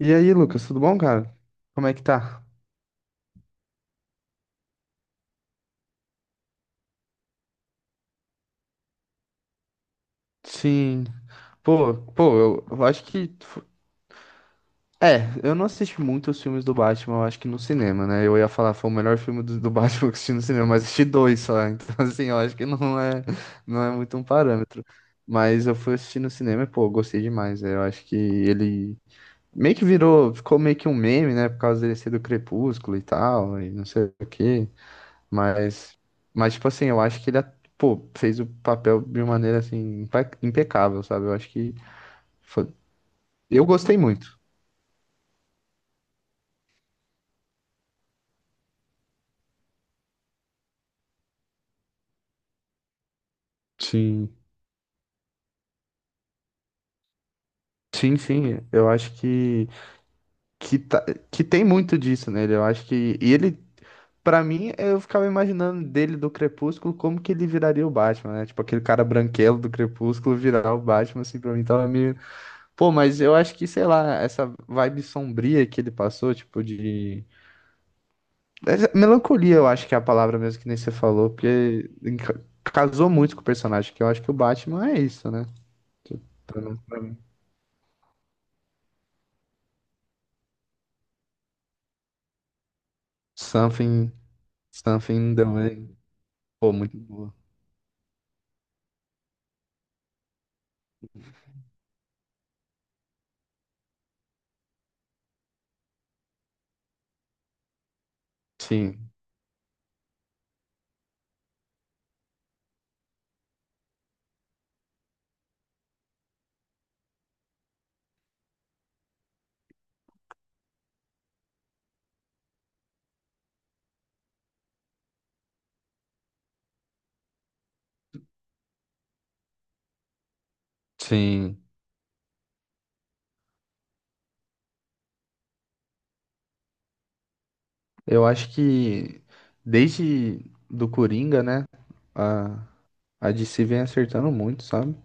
E aí, Lucas, tudo bom, cara? Como é que tá? Sim. Pô, eu acho que. É, eu não assisti muito os filmes do Batman, eu acho que no cinema, né? Eu ia falar, foi o melhor filme do Batman que eu assisti no cinema, mas assisti dois só. Então, assim, eu acho que não é, não é muito um parâmetro. Mas eu fui assistir no cinema e, pô, eu gostei demais, né? Eu acho que ele meio que virou, ficou meio que um meme, né? Por causa dele ser do Crepúsculo e tal, e não sei o quê. Mas, mas tipo assim, eu acho que ele, pô, fez o papel de uma maneira assim impecável, sabe? Eu acho que foi- eu gostei muito. Sim, sim, sim, eu acho que que tem muito disso nele. Eu acho que e ele. Pra mim, eu ficava imaginando dele do Crepúsculo como que ele viraria o Batman, né? Tipo, aquele cara branquelo do Crepúsculo virar o Batman, assim, pra mim tava meio. Pô, mas eu acho que, sei lá, essa vibe sombria que ele passou, tipo, de. Mas é melancolia, eu acho que é a palavra mesmo que nem você falou, porque casou muito com o personagem, que eu acho que o Batman é isso, né? Que pra não- pra mim, Something, something in the way. Pô, muito boa. Sim, sim. Eu acho que desde do Coringa, né? A, a DC vem acertando muito, sabe?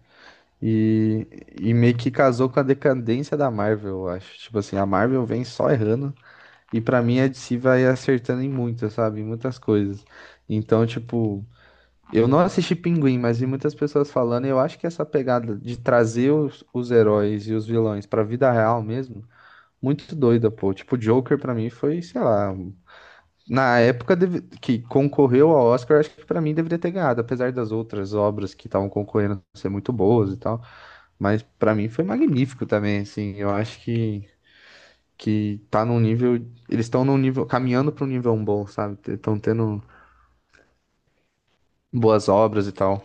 E, e meio que casou com a decadência da Marvel, eu acho. Tipo assim, a Marvel vem só errando. E pra mim a DC vai acertando em muitas, sabe? Em muitas coisas. Então, tipo, eu não assisti Pinguim, mas vi muitas pessoas falando, e eu acho que essa pegada de trazer os heróis e os vilões pra vida real mesmo, muito doida, pô. Tipo, Joker pra mim foi, sei lá, na época que concorreu ao Oscar, acho que pra mim deveria ter ganhado, apesar das outras obras que estavam concorrendo ser muito boas e tal, mas pra mim foi magnífico também, assim. Eu acho que tá num nível. Eles estão num nível, caminhando para um nível bom, sabe? Estão tendo boas obras e tal.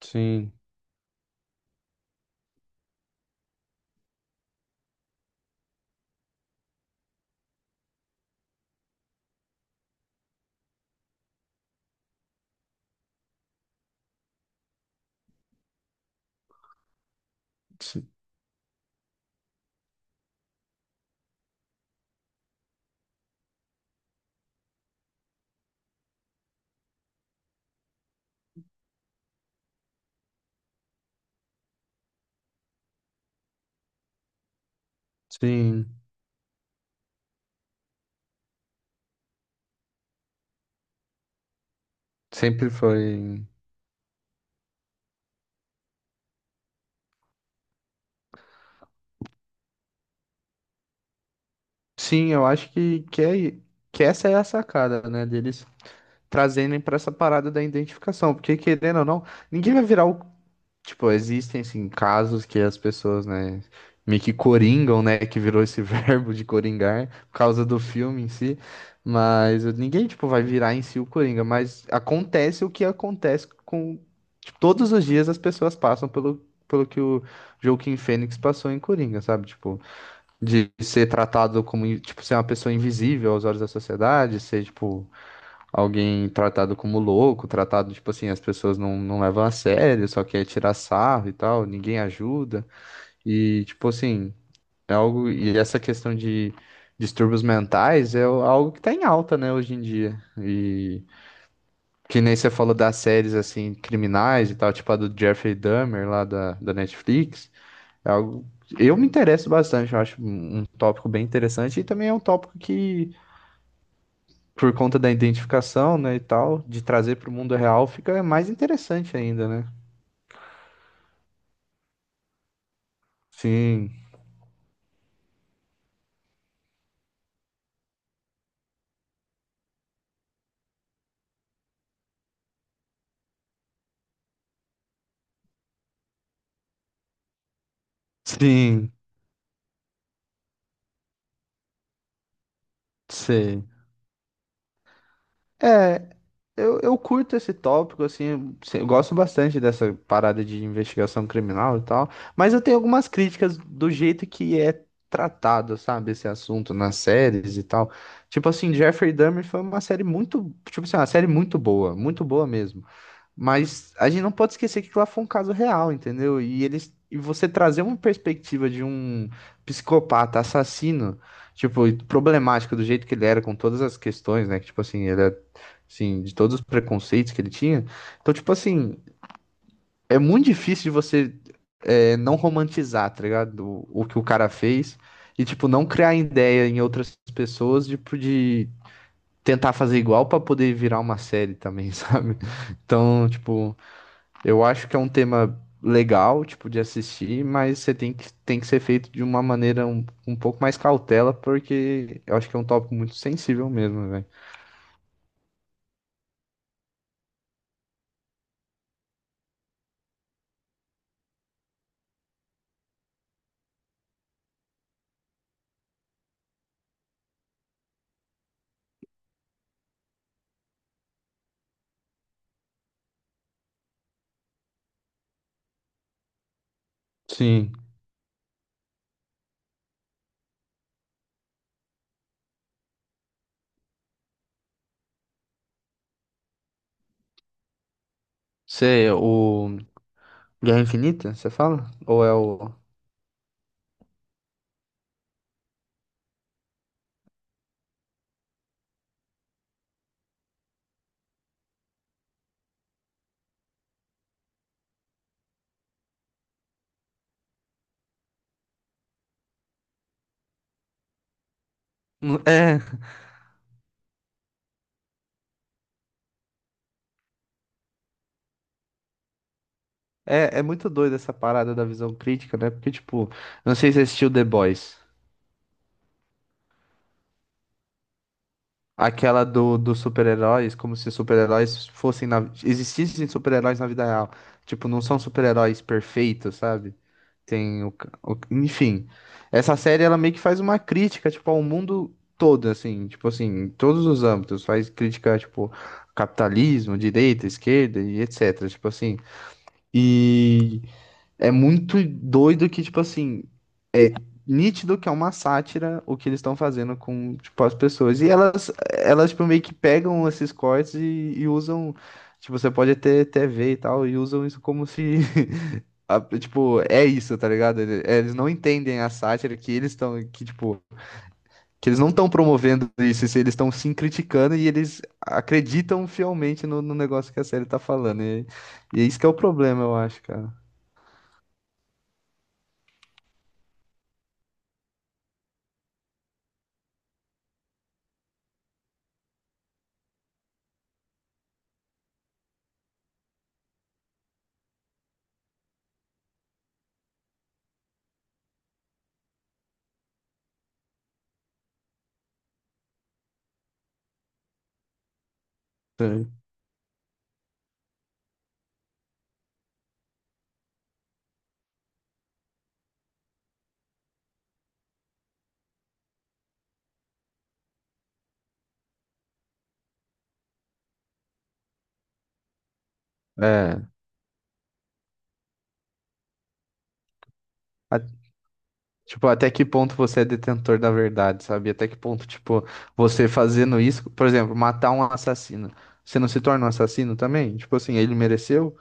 Sim, si- sim. Sempre foi. Sim, eu acho é, que essa é a sacada, né? Deles trazerem pra essa parada da identificação. Porque, querendo ou não, ninguém vai virar o. Tipo, existem, sim, casos que as pessoas, né, meio que coringam, né, que virou esse verbo de coringar por causa do filme em si, mas ninguém, tipo, vai virar em si o Coringa, mas acontece o que acontece com... Tipo, todos os dias as pessoas passam pelo, pelo que o Joaquin Phoenix passou em Coringa, sabe? Tipo, de ser tratado como, tipo, ser uma pessoa invisível aos olhos da sociedade, ser, tipo, alguém tratado como louco, tratado, tipo assim, as pessoas não, não levam a sério, só quer tirar sarro e tal, ninguém ajuda. E, tipo assim, é algo. E essa questão de distúrbios mentais algo que tá em alta, né, hoje em dia. E que nem você falou das séries, assim, criminais e tal, tipo a do Jeffrey Dahmer lá da Netflix. É algo. Eu me interesso bastante, eu acho um tópico bem interessante e também é um tópico que por conta da identificação, né, e tal, de trazer para o mundo real, fica mais interessante ainda, né? Sim, sim, sei. É, eu curto esse tópico, assim, eu gosto bastante dessa parada de investigação criminal e tal, mas eu tenho algumas críticas do jeito que é tratado, sabe, esse assunto nas séries e tal. Tipo assim, Jeffrey Dahmer foi uma série muito, tipo assim, uma série muito boa mesmo. Mas a gente não pode esquecer que lá foi um caso real, entendeu? E eles e você trazer uma perspectiva de um psicopata assassino, tipo, e problemático do jeito que ele era com todas as questões, né? Que tipo assim, ele era assim, de todos os preconceitos que ele tinha. Então, tipo assim, é muito difícil de você é, não romantizar, tá ligado? O que o cara fez e tipo não criar ideia em outras pessoas tipo, de tentar fazer igual pra poder virar uma série também, sabe? Então, tipo, eu acho que é um tema legal, tipo, de assistir, mas você tem que ser feito de uma maneira um, um pouco mais cautela, porque eu acho que é um tópico muito sensível mesmo, velho. Sim. Você, o Guerra Infinita, você fala? Ou é o. É, é, é muito doido essa parada da visão crítica, né? Porque, tipo, não sei se você assistiu The Boys. Aquela do, dos super-heróis, como se super-heróis fossem na... Existissem super-heróis na vida real. Tipo, não são super-heróis perfeitos, sabe? Tem o, enfim, essa série ela meio que faz uma crítica, tipo, ao mundo todo, assim, tipo assim, em todos os âmbitos, faz crítica, tipo, capitalismo, direita, esquerda e etc, tipo assim. E é muito doido que, tipo assim, é nítido que é uma sátira o que eles estão fazendo com, tipo, as pessoas. E tipo, meio que pegam esses cortes e usam, tipo, você pode ter TV e tal, e usam isso como se tipo, é isso, tá ligado? Eles não entendem a sátira que eles estão, que tipo, que eles não estão promovendo isso, se eles estão sim criticando e eles acreditam fielmente no negócio que a série tá falando. E é isso que é o problema, eu acho, cara. Sim. É. a- tipo, até que ponto você é detentor da verdade, sabe? Até que ponto, tipo, você fazendo isso, por exemplo, matar um assassino, você não se torna um assassino também? Tipo assim, ele mereceu?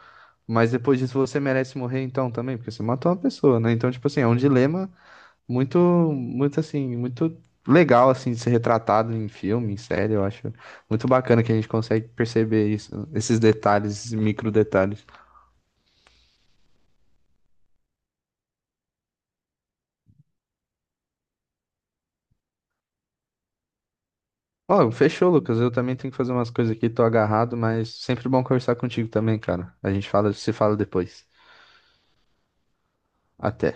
Mas depois disso você merece morrer então também, porque você matou uma pessoa, né? Então, tipo assim, é um dilema muito, muito assim, muito legal assim de ser retratado em filme, em série, eu acho muito bacana que a gente consegue perceber isso, esses detalhes, esses micro detalhes. Ó, fechou, Lucas. Eu também tenho que fazer umas coisas aqui, tô agarrado, mas sempre bom conversar contigo também, cara. A gente fala, se fala depois. Até.